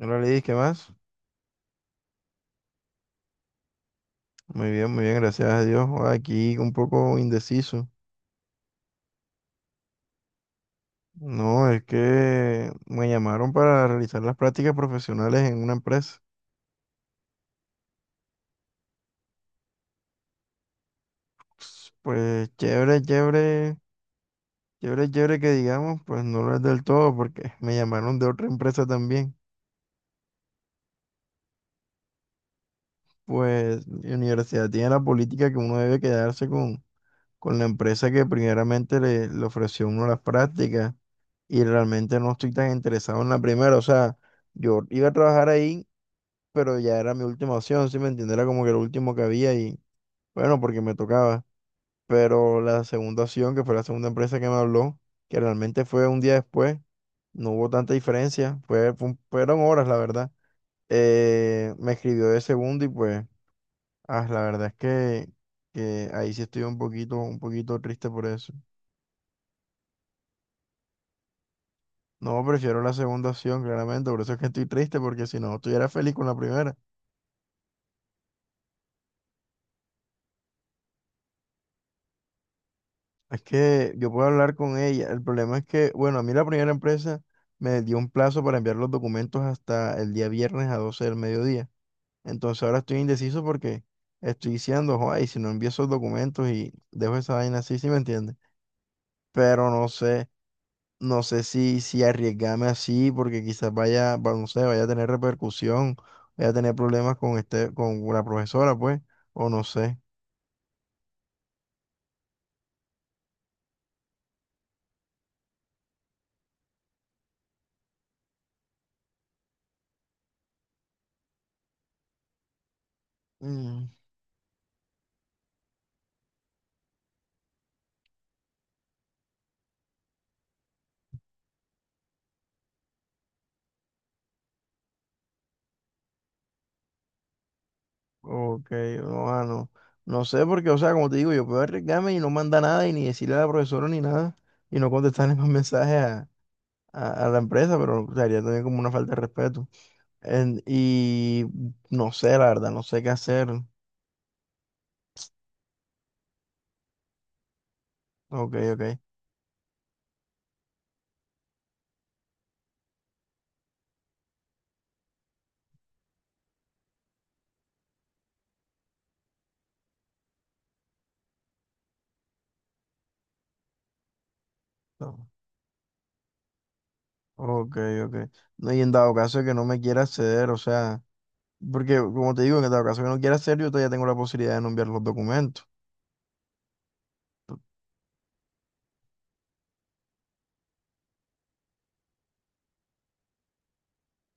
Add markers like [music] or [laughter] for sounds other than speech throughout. Hola Lidis, ¿qué más? Muy bien, gracias a Dios. Joda, aquí un poco indeciso. No, es que me llamaron para realizar las prácticas profesionales en una empresa. Pues, chévere, chévere, chévere, chévere que digamos, pues no lo es del todo porque me llamaron de otra empresa también. Pues mi universidad tiene la política que uno debe quedarse con la empresa que primeramente le ofreció a uno las prácticas y realmente no estoy tan interesado en la primera. O sea, yo iba a trabajar ahí pero ya era mi última opción, ¿sí me entiendes? Era como que lo último que había y bueno, porque me tocaba. Pero la segunda opción, que fue la segunda empresa que me habló, que realmente fue un día después, no hubo tanta diferencia, fueron horas, la verdad. Me escribió de segundo y pues, la verdad es que ahí sí estoy un poquito triste por eso. No, prefiero la segunda opción, claramente, por eso es que estoy triste, porque si no, estuviera feliz con la primera. Es que yo puedo hablar con ella. El problema es que, bueno, a mí la primera empresa me dio un plazo para enviar los documentos hasta el día viernes a 12 del mediodía. Entonces ahora estoy indeciso porque estoy diciendo, ay, si no envío esos documentos y dejo esa vaina así, ¿sí me entiendes? Pero no sé, no sé si, si arriesgarme así porque quizás vaya, va- no sé, vaya a tener repercusión, vaya a tener problemas con este, con la profesora, pues, o no sé. Ok, no, no. No sé porque, o sea, como te digo, yo puedo arriesgarme y no mandar nada y ni decirle a la profesora ni nada y no contestarle [laughs] más mensajes a, a la empresa, pero sería también como una falta de respeto. Y no sé, la verdad, no sé qué hacer. Ok, ok. No, ok, ok. No, y en dado caso de que no me quiera acceder, o sea, porque como te digo, en dado caso de que no quiera acceder, yo todavía tengo la posibilidad de no enviar los documentos.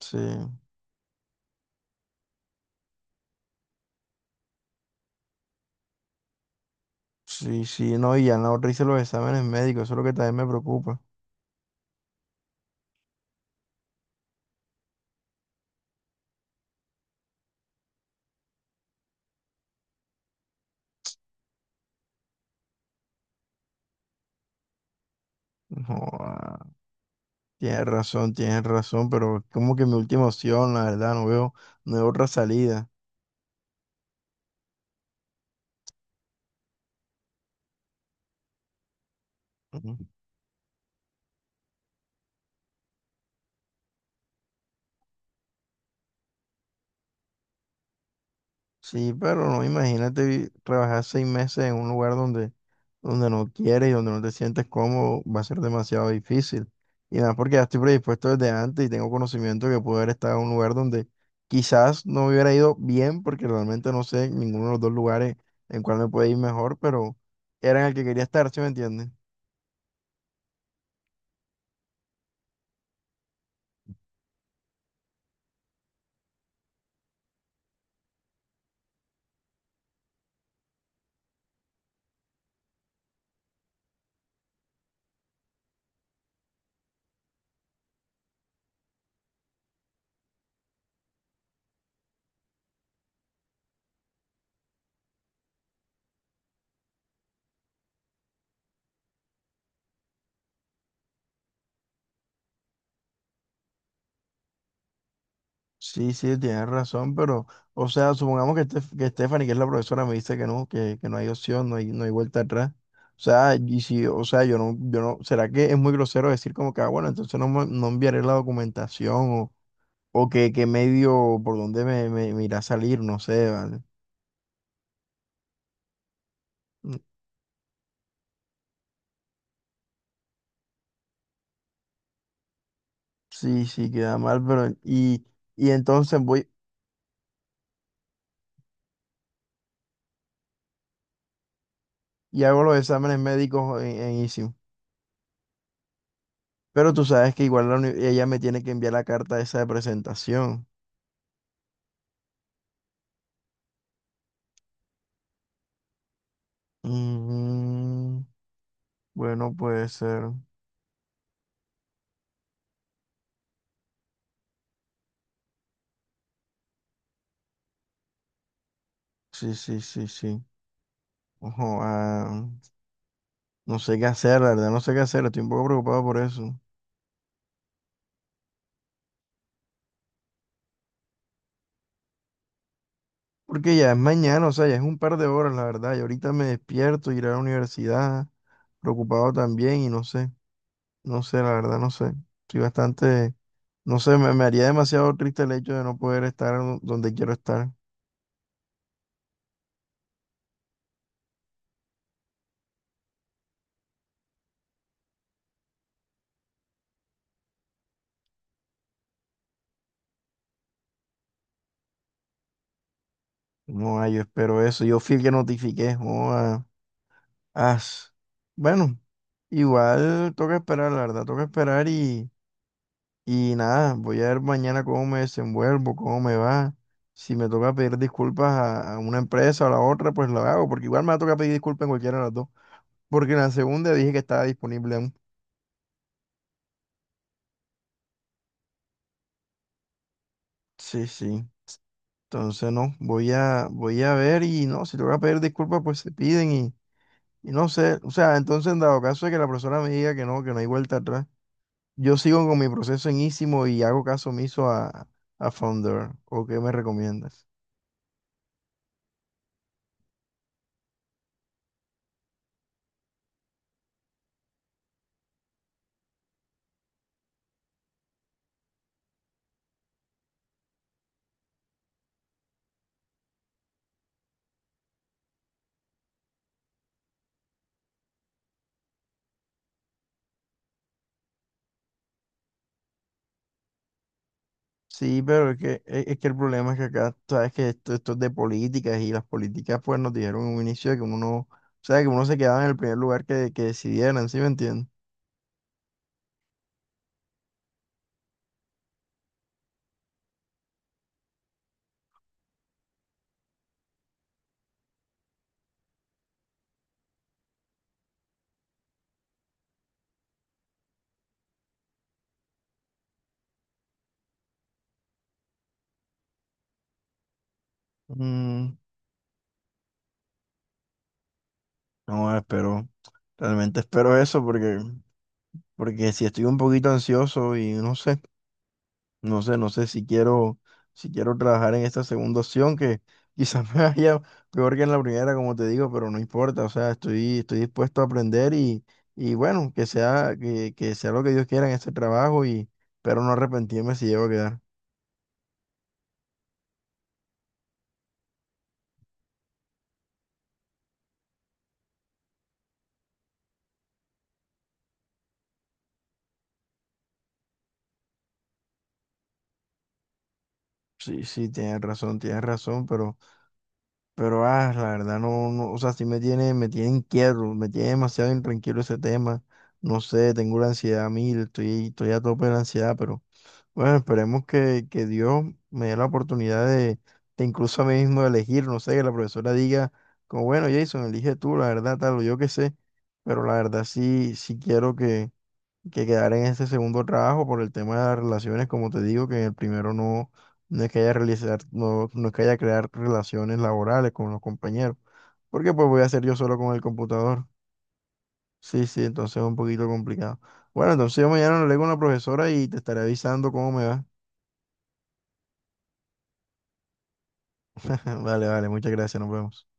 Sí, sí, sí, no, y ya en la no hice los exámenes médicos, eso es lo que también me preocupa. Joda, tienes razón, pero como que mi última opción, la verdad, no veo, no veo otra salida. Ujú. Sí, pero no, imagínate trabajar 6 meses en un lugar donde, donde no quieres y donde no te sientes cómodo, va a ser demasiado difícil. Y nada, porque ya estoy predispuesto desde antes y tengo conocimiento que puedo haber estado en un lugar donde quizás no me hubiera ido bien, porque realmente no sé ninguno de los dos lugares en cuál me puede ir mejor, pero era en el que quería estar, ¿sí me entiendes? Sí, sí, tienes razón, pero, o sea, supongamos que que Stephanie, que es la profesora, me dice que no, que no hay opción, no hay, no hay vuelta atrás. O sea, y si, o sea, yo no, ¿será que es muy grosero decir como que, ah, bueno, entonces no, no enviaré la documentación o que medio por dónde me irá a salir, no sé, ¿vale? Mm, Sí, sí, queda mal, y entonces voy y hago los exámenes médicos en ISIM. Pero tú sabes que igual la ella me tiene que enviar la carta esa de presentación. Mm, Bueno, puede ser. Sí, sí, sí, sí. Ojo, no sé qué hacer, la verdad, no sé qué hacer. Estoy un poco preocupado por eso. Porque ya es mañana, o sea, ya es un par de horas, la verdad. Y ahorita me despierto, iré a la universidad, preocupado también, y no sé, no sé, la verdad, no sé. Estoy bastante, no sé, me haría demasiado triste el hecho de no poder estar donde quiero estar. No, yo espero eso. Yo fui el que notifiqué. Oh, ah, as. Bueno, igual toca esperar, la verdad, toca esperar y... Y nada, voy a ver mañana cómo me desenvuelvo, cómo me va. Si me toca pedir disculpas a una empresa o a la otra, pues lo hago, porque igual me va a tocar pedir disculpas en cualquiera de las dos. Porque en la segunda dije que estaba disponible aún. Sí, sí. Entonces no, voy a ver y no, si toca pedir disculpas, pues se piden y no sé. O sea, entonces en dado caso de que la persona me diga que no hay vuelta atrás, yo sigo con mi proceso en Ísimo y hago caso omiso a Founder. ¿O qué me recomiendas? Sí, pero es que, es que el problema es que acá, tú sabes que esto es de políticas y las políticas pues nos dijeron en un inicio de que uno, no, o sea, que uno se quedaba en el primer lugar que decidieran, ¿sí me entiendes? Mm, no, espero, realmente espero eso porque, porque si estoy un poquito ansioso y no sé. No sé, no sé si quiero, si quiero trabajar en esta segunda opción, que [laughs] quizás me vaya peor que en la primera, como te digo, pero no importa. O sea, estoy, estoy dispuesto a aprender y bueno, que sea, que sea lo que Dios quiera en este trabajo y pero no arrepentirme si llego a quedar. Sí, sí, tienes razón, pero ah, la verdad no, no, o sea, sí me tiene inquieto, me tiene demasiado intranquilo ese tema. No sé, tengo la ansiedad a mil, estoy, estoy a tope de la ansiedad, pero. Bueno, esperemos que Dios me dé la oportunidad de incluso a mí mismo elegir, no sé, que la profesora diga, como bueno, Jason, elige tú, la verdad, tal, o yo qué sé, pero la verdad sí, sí quiero que quedar en este segundo trabajo por el tema de las relaciones, como te digo, que en el primero no, no es que haya realizar, no, no es que haya crear relaciones laborales con los compañeros, porque pues voy a hacer yo solo con el computador. Sí, sí, entonces es un poquito complicado. Bueno, entonces yo mañana le leo con la profesora y te estaré avisando cómo me va. [laughs] Vale, vale, muchas gracias, nos vemos.